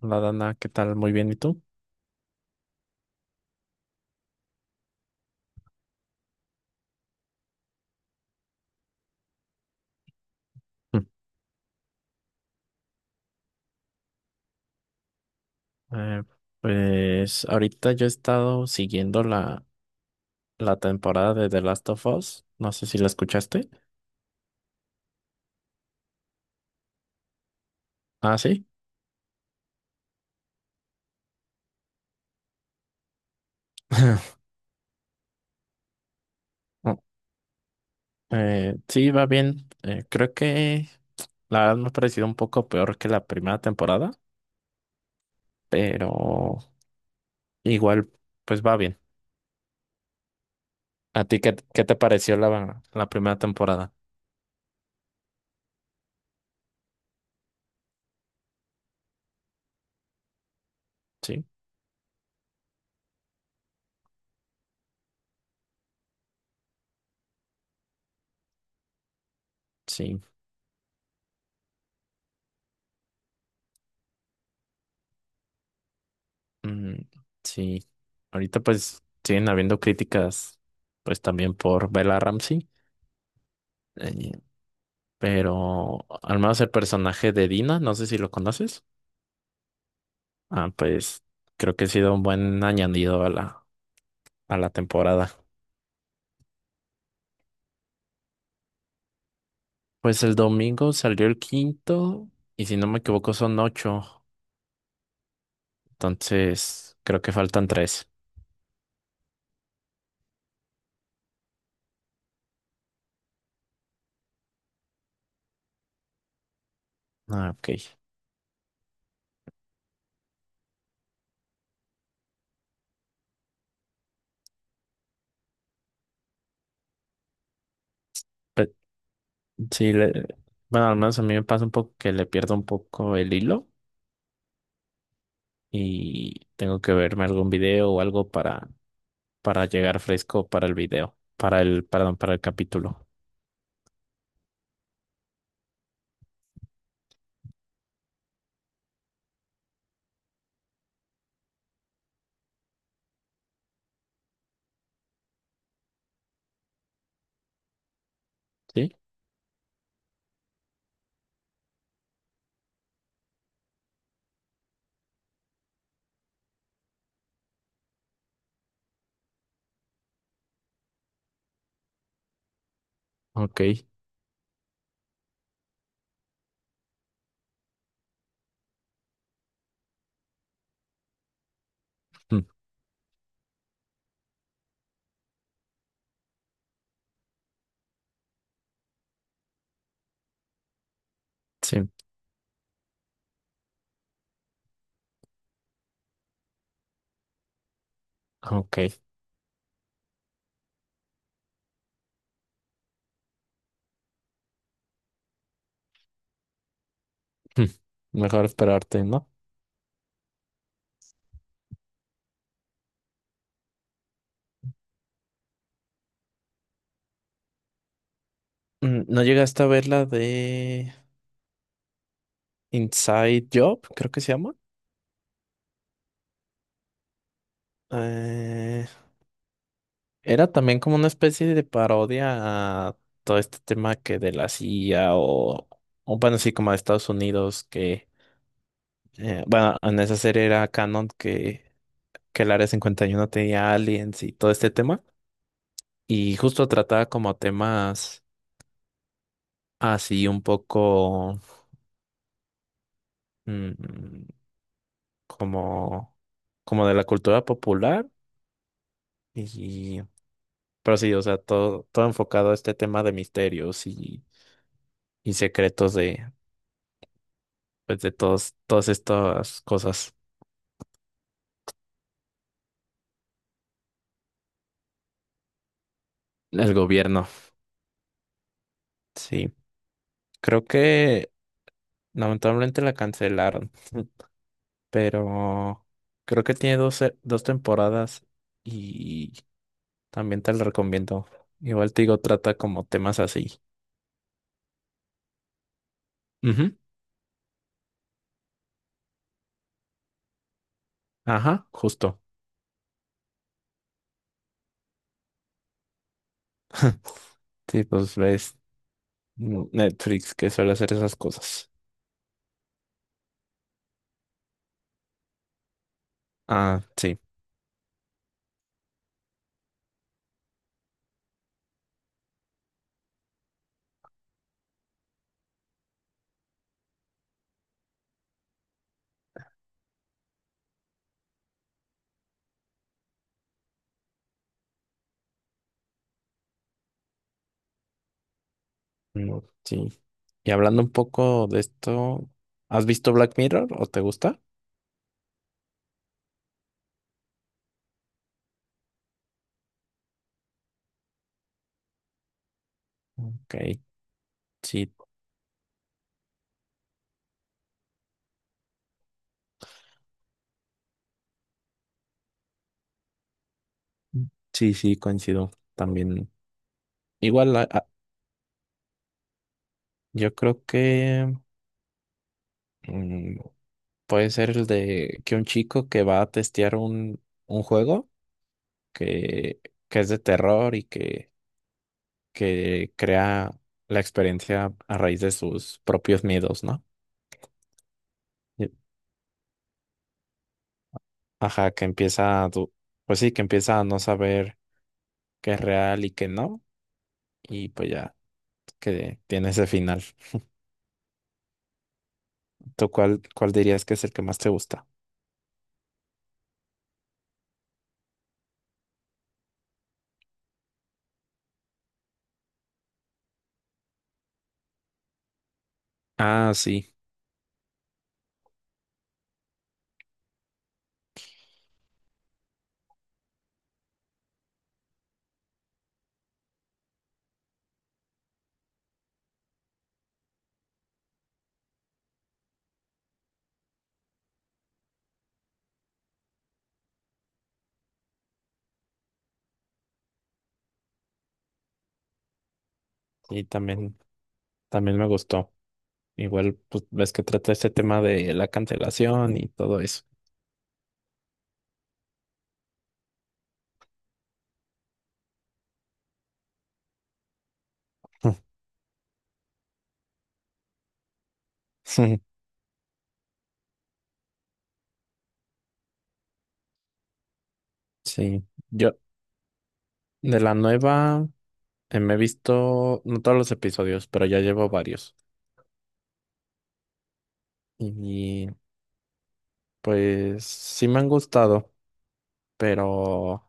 Hola Dana, ¿qué tal? Muy bien, ¿y tú? Mm. Eh, pues ahorita yo he estado siguiendo la temporada de The Last of Us. No sé si la escuchaste. Ah, sí. No, sí, va bien. Creo que la verdad me ha parecido un poco peor que la primera temporada, pero igual, pues va bien. ¿A ti qué te pareció la primera temporada? Sí, sí, mm, sí. Ahorita pues siguen habiendo críticas, pues también por Bella Ramsey. Eh, pero al menos el personaje de Dina, no sé si lo conoces. Ah, pues creo que ha sido un buen añadido a la temporada. Pues el domingo salió el quinto y si no me equivoco son ocho. Entonces creo que faltan tres. Ah, ok. Pe- sí, le- bueno, al menos a mí me pasa un poco que le pierdo un poco el hilo y tengo que verme algún video o algo para llegar fresco para el video, para el, perdón, para el capítulo. ¿Sí? Ok. Mm, sí, ok. Mm, Mejor esperarte, ¿no? ¿No llegaste a ver la de Inside Job? Creo que se llama. Eh, Era también como una especie de parodia a todo este tema que de la CIA o bueno, sí, como de Estados Unidos que. Bueno, en esa serie era canon que el Área 51 tenía aliens y todo este tema. Y justo trataba como temas así un poco mm, como, como de la cultura popular. Y, pero sí, o sea, todo, todo enfocado a este tema de misterios y secretos de, pues, de todos, todas estas cosas del gobierno. Sí, creo que lamentablemente la cancelaron. Pero creo que tiene dos temporadas y también te lo recomiendo. Igual te digo, trata como temas así. Ujú, ajá, justo. Sí, pues ves Netflix que suele hacer esas cosas. Ah, sí. Mm, sí. Y hablando un poco de esto, ¿has visto Black Mirror o te gusta? Ok, sí, sí, sí, coincido también. Igual, yo creo que mm, puede ser el de que un chico que va a testear un juego que, que es de terror y que crea la experiencia a raíz de sus propios miedos, ¿no? Y- Ajá, que empieza a, pues sí, que empieza a no saber qué es real y qué no, y pues ya que tiene ese final. ¿Tú cuál dirías que es el que más te gusta? Ah, sí, y también me gustó. Igual, pues ves que trata este tema de la cancelación y todo eso. Sí, yo de la nueva me he visto, no todos los episodios, pero ya llevo varios. Y pues sí me han gustado, pero,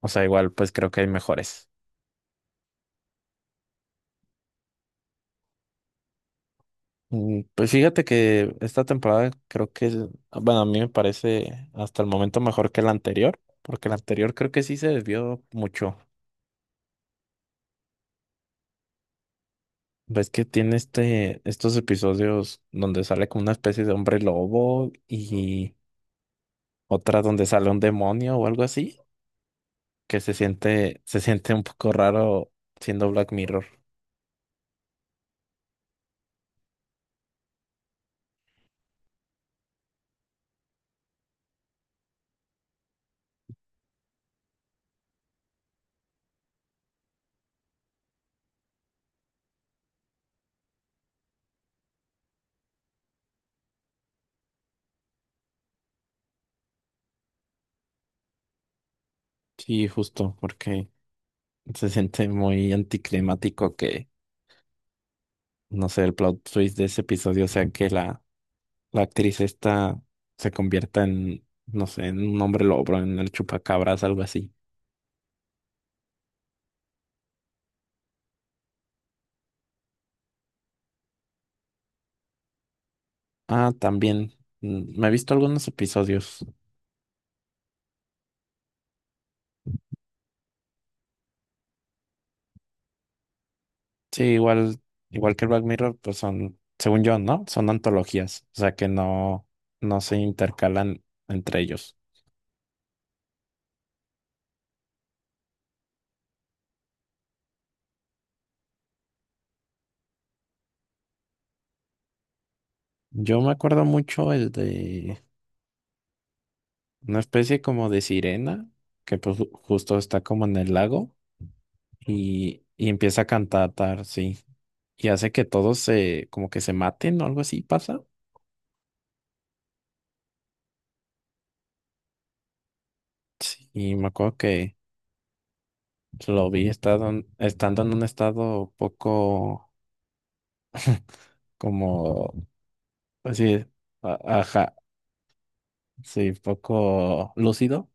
o sea, igual pues creo que hay mejores. Pues fíjate que esta temporada creo que, bueno, a mí me parece hasta el momento mejor que la anterior, porque la anterior creo que sí se desvió mucho. Ves que tiene estos episodios donde sale como una especie de hombre lobo y otra donde sale un demonio o algo así. Que se siente un poco raro siendo Black Mirror. Sí, justo, porque se siente muy anticlimático que, no sé, el plot twist de ese episodio sea que la actriz esta se convierta en, no sé, en un hombre lobo, en el chupacabras, algo así. Ah, también, me he visto algunos episodios. Sí, igual que Black Mirror, pues son, según yo, ¿no? Son antologías, o sea que no, no se intercalan entre ellos. Yo me acuerdo mucho el de una especie como de sirena, que pues justo está como en el lago y empieza a cantar, sí. Y hace que todos como que se maten o algo así pasa. Sí, y me acuerdo que lo vi estando en un estado poco como, así, ajá, sí, poco lúcido.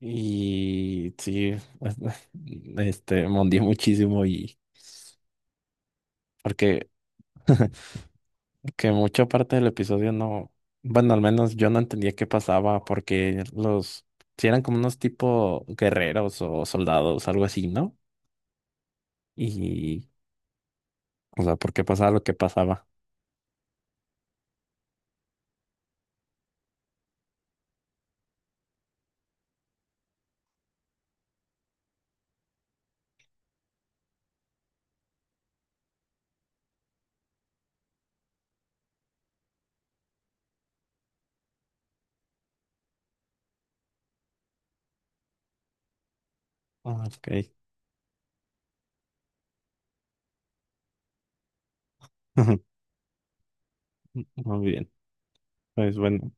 Y sí, este, me hundió muchísimo y porque. Que mucha parte del episodio no, bueno, al menos yo no entendía qué pasaba porque si eran como unos tipo guerreros o soldados, algo así, ¿no? Y, o sea, ¿por qué pasaba lo que pasaba? Ah, ok. Muy bien. Pues bueno,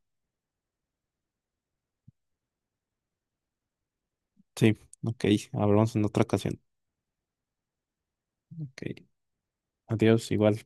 sí, ok, hablamos en otra ocasión. Ok, adiós, igual.